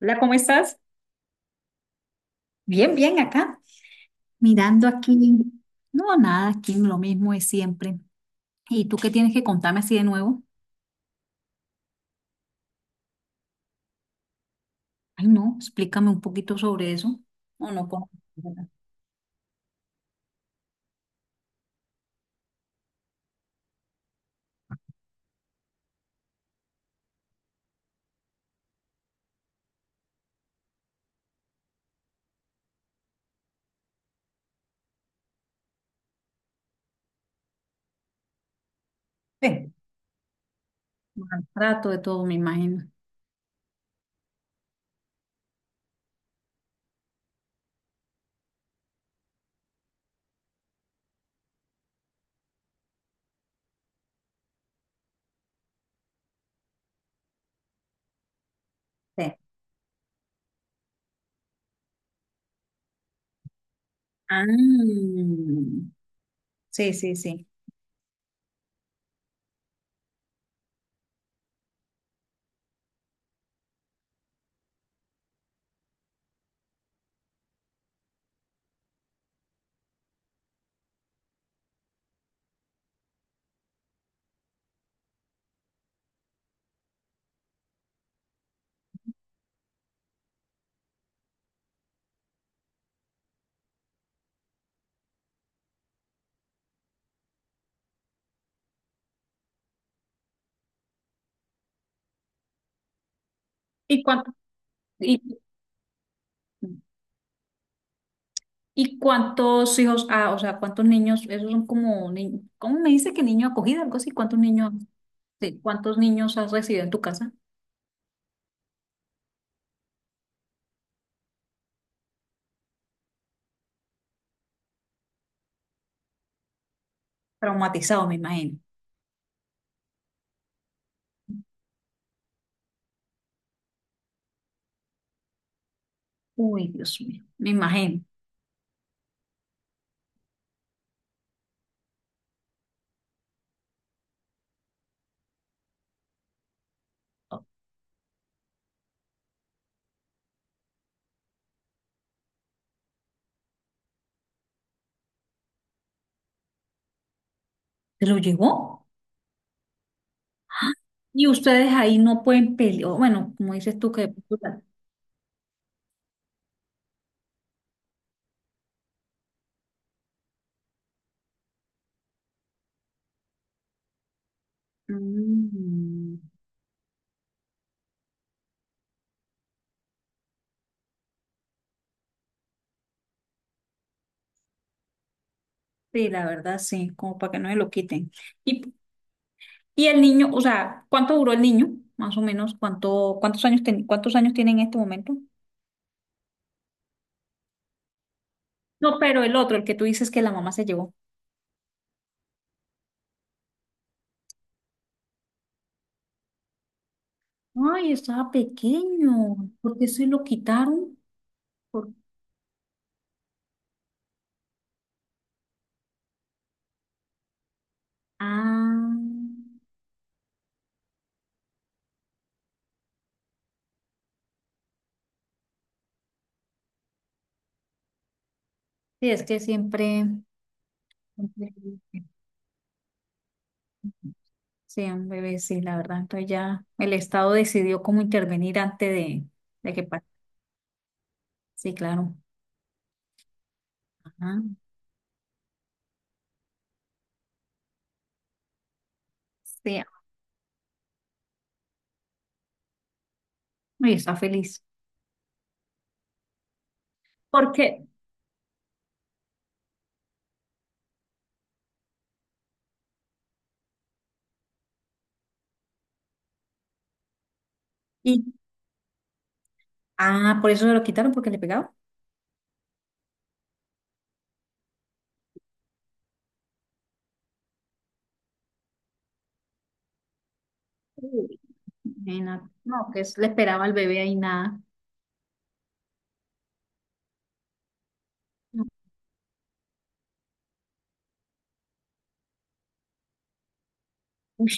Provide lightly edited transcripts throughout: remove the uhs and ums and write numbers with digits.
Hola, ¿cómo estás? Bien, bien, acá, mirando aquí. No, nada, aquí lo mismo es siempre. ¿Y tú qué tienes que contarme así de nuevo? Ay, no, explícame un poquito sobre eso. No, no, con... Sí, maltrato de todo, me imagino. Sí. Ah, sí, sí, sí. ¿Y cuánto, y, y cuántos hijos, ah, o sea, cuántos niños, esos son como, ¿cómo me dice que niño acogido, algo así? ¿Cuántos niños, sí, cuántos niños has recibido en tu casa? Traumatizado, me imagino. Uy, Dios mío, me imagino. ¿Se lo llevó? Y ustedes ahí no pueden pelear. Bueno, como dices tú que... de pronto Mm, sí, la verdad, sí, como para que no se lo quiten. Y, y el niño, o sea, ¿cuánto duró el niño? Más o menos, ¿cuánto, cuántos años tiene en este momento? No, pero el otro, el que tú dices que la mamá se llevó. Ay, estaba pequeño. ¿Por qué se lo quitaron? Por- Ah, sí, es que siempre... siempre- Sí, un bebé sí, la verdad. Entonces ya el Estado decidió cómo intervenir antes de que pase. Sí, claro. Ajá. Sí. Y está feliz. ¿Por qué? Y, ah, por eso se lo quitaron, porque le pegaba. Uy, imagínate. No, que le esperaba al bebé ahí nada. Uy,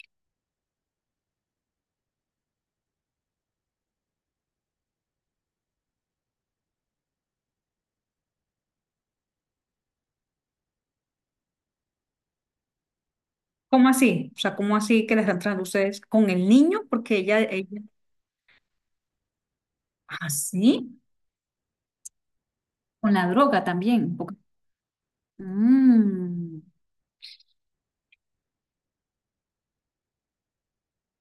¿cómo así? O sea, ¿cómo así que le están tratando ustedes con el niño? Porque ella, ah, sí, con la droga también. Mm.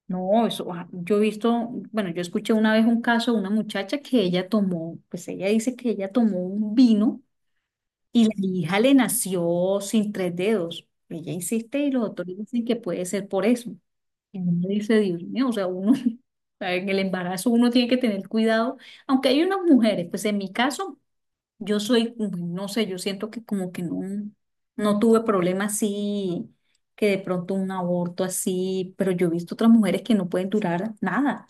No, eso, ah, yo he visto, bueno, yo escuché una vez un caso de una muchacha que ella tomó, pues ella dice que ella tomó un vino y la hija le nació sin tres dedos. Ella insiste y los doctores dicen que puede ser por eso. Y uno dice, Dios mío, o sea, uno, o sea, en el embarazo uno tiene que tener cuidado, aunque hay unas mujeres, pues en mi caso yo soy, no sé, yo siento que como que no, no tuve problemas así, que de pronto un aborto así, pero yo he visto otras mujeres que no pueden durar nada.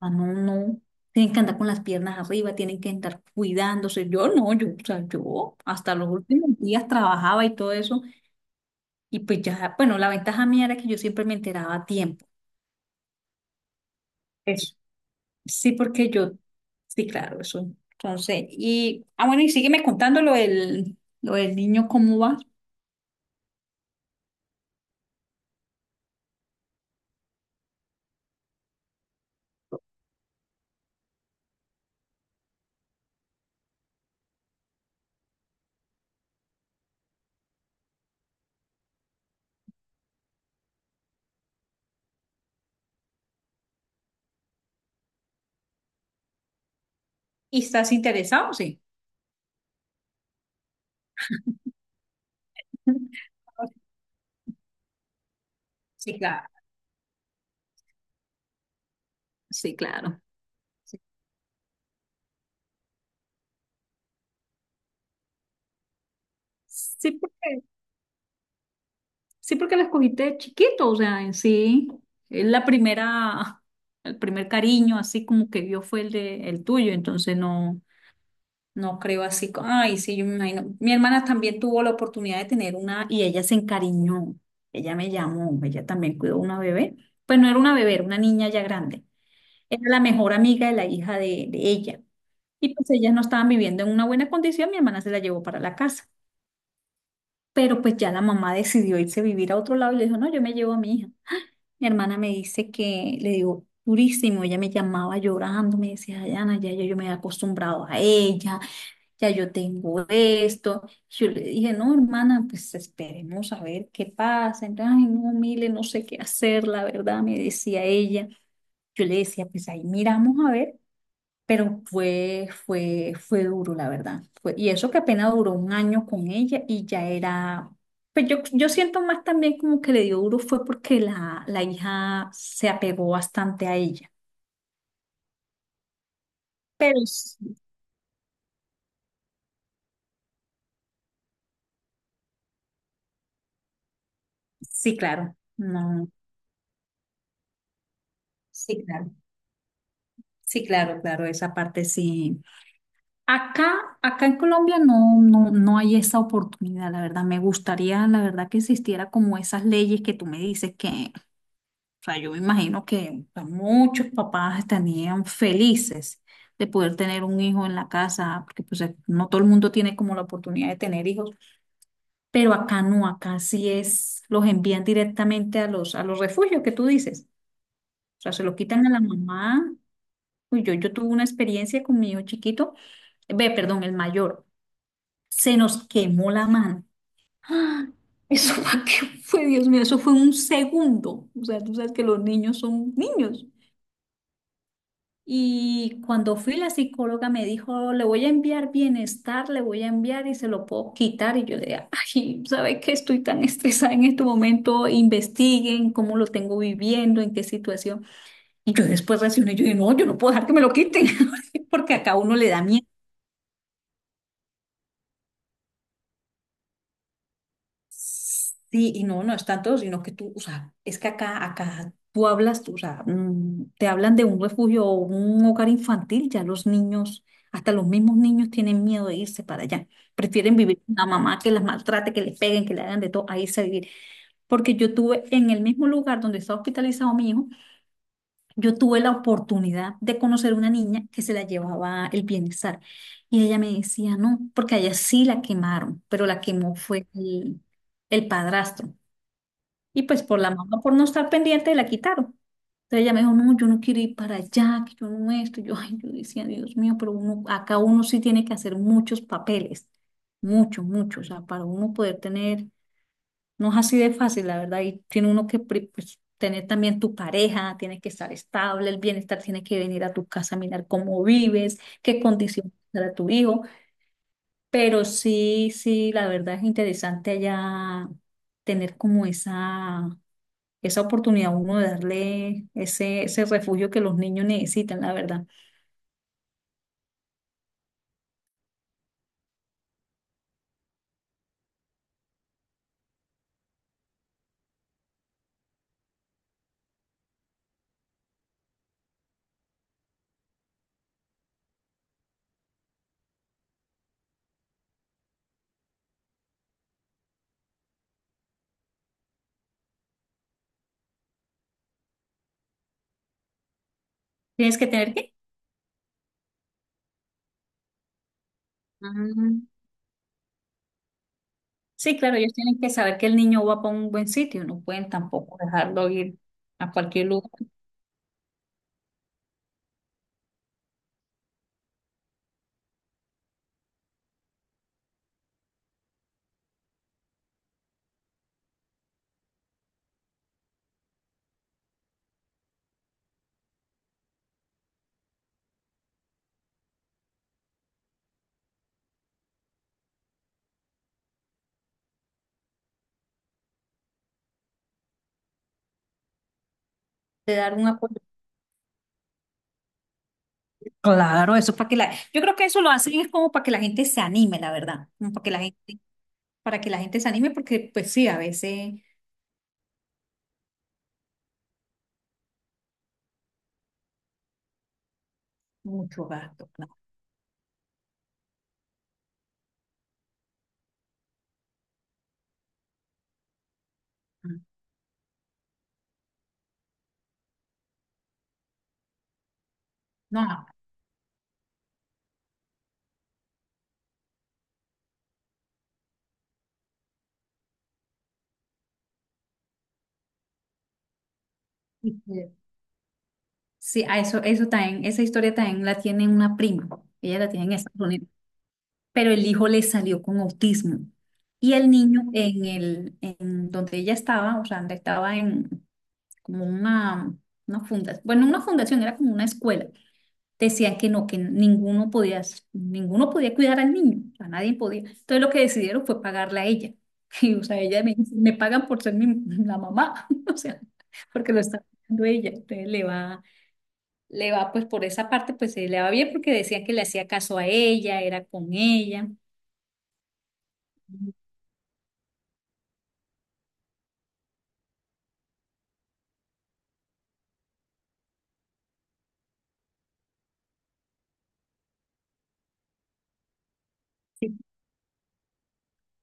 Ah, no, no. Tienen que andar con las piernas arriba, tienen que andar cuidándose. Yo no, yo, o sea, yo hasta los últimos días trabajaba y todo eso. Y pues ya, bueno, la ventaja mía era que yo siempre me enteraba a tiempo. Eso. Sí, porque yo, sí, claro, eso. Entonces, y, ah, bueno, y sígueme contando lo del niño, ¿cómo va? ¿Y estás interesado? Sí. Sí, claro. Sí, claro. Sí, Sí, porque, sí, porque la escogiste de chiquito, o sea, en sí, es la primera, el primer cariño, así como que vio fue el de el tuyo, entonces no creo así, ay, sí, yo me imagino. Mi hermana también tuvo la oportunidad de tener una y ella se encariñó, ella me llamó, ella también cuidó una bebé, pues no era una bebé, era una niña ya grande, era la mejor amiga de la hija de ella. Y pues ellas no estaban viviendo en una buena condición, mi hermana se la llevó para la casa. Pero pues ya la mamá decidió irse a vivir a otro lado y le dijo, no, yo me llevo a mi hija. Mi hermana me dice que le dio durísimo, ella me llamaba llorando, me decía, Dayana, ya, ya yo me he acostumbrado a ella, ya yo tengo esto. Yo le dije, no, hermana, pues esperemos a ver qué pasa. Entonces, ay, no, Mile, no sé qué hacer, la verdad, me decía ella. Yo le decía, pues ahí miramos a ver. Pero fue duro, la verdad. Y eso que apenas duró un año con ella y ya era, pues yo siento más también como que le dio duro fue porque la hija se apegó bastante a ella. Pero sí, sí, claro, no, sí, claro, sí, claro, claro, esa parte sí. Acá en Colombia no, no, no hay esa oportunidad, la verdad. Me gustaría, la verdad, que existiera como esas leyes que tú me dices que... O sea, yo me imagino que pues, muchos papás estarían felices de poder tener un hijo en la casa, porque pues no todo el mundo tiene como la oportunidad de tener hijos, pero acá no, acá sí es, los envían directamente a los refugios que tú dices. O sea, se lo quitan a la mamá. Uy, yo tuve una experiencia con mi hijo chiquito, ve, perdón, el mayor, se nos quemó la mano. ¡Ah! Eso fue, que fue, Dios mío, eso fue un segundo. O sea, tú sabes que los niños son niños. Y cuando fui la psicóloga me dijo, le voy a enviar bienestar, le voy a enviar y se lo puedo quitar. Y yo le dije, ay, ¿sabes qué? Estoy tan estresada en este momento, investiguen cómo lo tengo viviendo, en qué situación. Y yo después reaccioné, yo dije, no, yo no puedo dejar que me lo quiten, porque acá a uno le da miedo. Sí, y no, no están todos, sino que tú, o sea, es que acá tú hablas, tú, o sea, te hablan de un refugio o un hogar infantil, ya los niños, hasta los mismos niños tienen miedo de irse para allá. Prefieren vivir con una mamá que las maltrate, que les peguen, que le hagan de todo, a irse a vivir. Porque yo tuve en el mismo lugar donde está hospitalizado mi hijo, yo tuve la oportunidad de conocer una niña que se la llevaba el bienestar. Y ella me decía, no, porque allá sí la quemaron, pero la quemó fue el padrastro. Y pues por la mamá, por no estar pendiente, la quitaron. Entonces ella me dijo, no, yo no quiero ir para allá, que yo no esto. Yo, ay, yo decía, Dios mío, pero uno, acá uno sí tiene que hacer muchos papeles, muchos, muchos. O sea, para uno poder tener, no es así de fácil, la verdad, y tiene uno que pues, tener también tu pareja, tiene que estar estable, el bienestar tiene que venir a tu casa a mirar cómo vives, qué condiciones para tu hijo. Pero sí, sí, la verdad es interesante allá tener como esa oportunidad a uno de darle ese refugio que los niños necesitan, la verdad. Tienes que tener que... Mm. Sí, claro, ellos tienen que saber que el niño va para un buen sitio, no pueden tampoco dejarlo ir a cualquier lugar, de dar un apoyo. Claro, eso es para que la, yo creo que eso lo hacen es como para que la gente se anime, la verdad, como para que la gente, para que la gente se anime, porque pues sí, a veces mucho gasto, claro. No, no, y sí, a eso, eso también, esa historia también la tiene una prima, ella la tiene en Estados Unidos. Pero el hijo le salió con autismo. Y el niño en el, en donde ella estaba, o sea, donde estaba en como una fundación, bueno, una fundación, era como una escuela. Decían que no, que ninguno podía cuidar al niño, o sea, nadie podía. Entonces lo que decidieron fue pagarle a ella. Y, o sea, ella me dice, me pagan por ser mi, la mamá, o sea, porque lo está pagando ella. Entonces le va, pues por esa parte, pues le va bien porque decían que le hacía caso a ella, era con ella.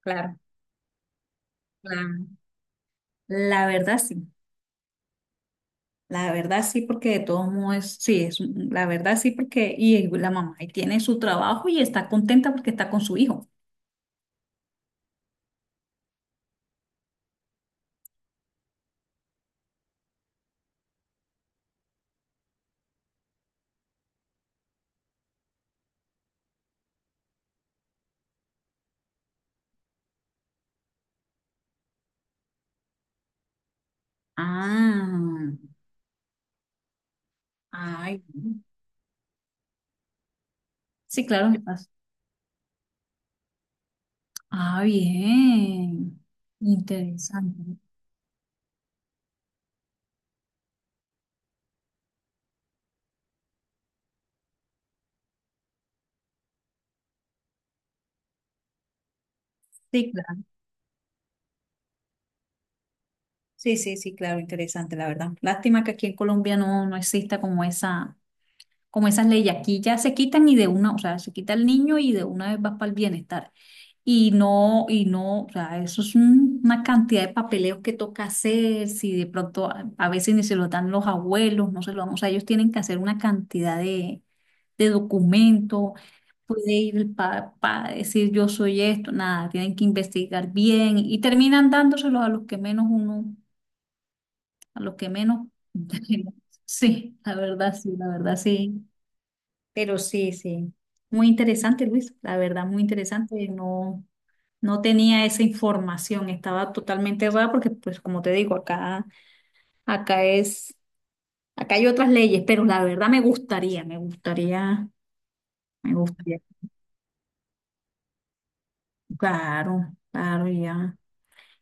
Claro, claro. La verdad sí, la verdad sí, porque de todos modos, sí, es, la verdad sí, porque y la mamá y tiene su trabajo y está contenta porque está con su hijo. Ah, ay, sí, claro. Ah, bien, interesante. Sí, claro. Sí, sí, sí, claro, interesante, la verdad. Lástima que aquí en Colombia no, no exista como esa, como esas leyes. Aquí ya se quitan y de una, o sea, se quita el niño y de una vez vas para el bienestar. Y no, o sea, eso es una cantidad de papeleos que toca hacer, si de pronto a veces ni se lo dan los abuelos, no se lo dan, o sea, ellos tienen que hacer una cantidad de documentos, puede ir el papá, decir yo soy esto, nada, tienen que investigar bien y terminan dándoselos a los que menos uno, a los que menos, sí, la verdad, sí, la verdad, sí, pero sí, sí, muy interesante, Luis, la verdad, muy interesante, no. No tenía esa información, estaba totalmente errada porque, pues, como te digo, acá es, acá hay otras leyes, pero la verdad me gustaría, me gustaría, me gustaría. Claro, claro, ya.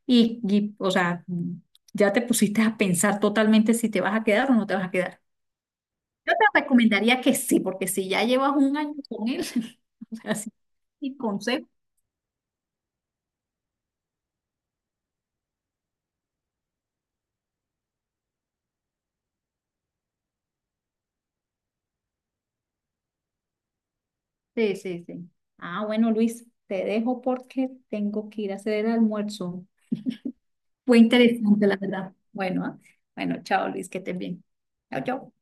Y, o sea, ya te pusiste a pensar totalmente si te vas a quedar o no te vas a quedar. Yo te recomendaría que sí, porque si ya llevas un año con él, o sea, sí, y consejo. Sí, sí, sí. Ah, bueno, Luis, te dejo porque tengo que ir a hacer el almuerzo. Fue interesante, la verdad. Bueno, Bueno, chao Luis, que estés bien. Chao, chao.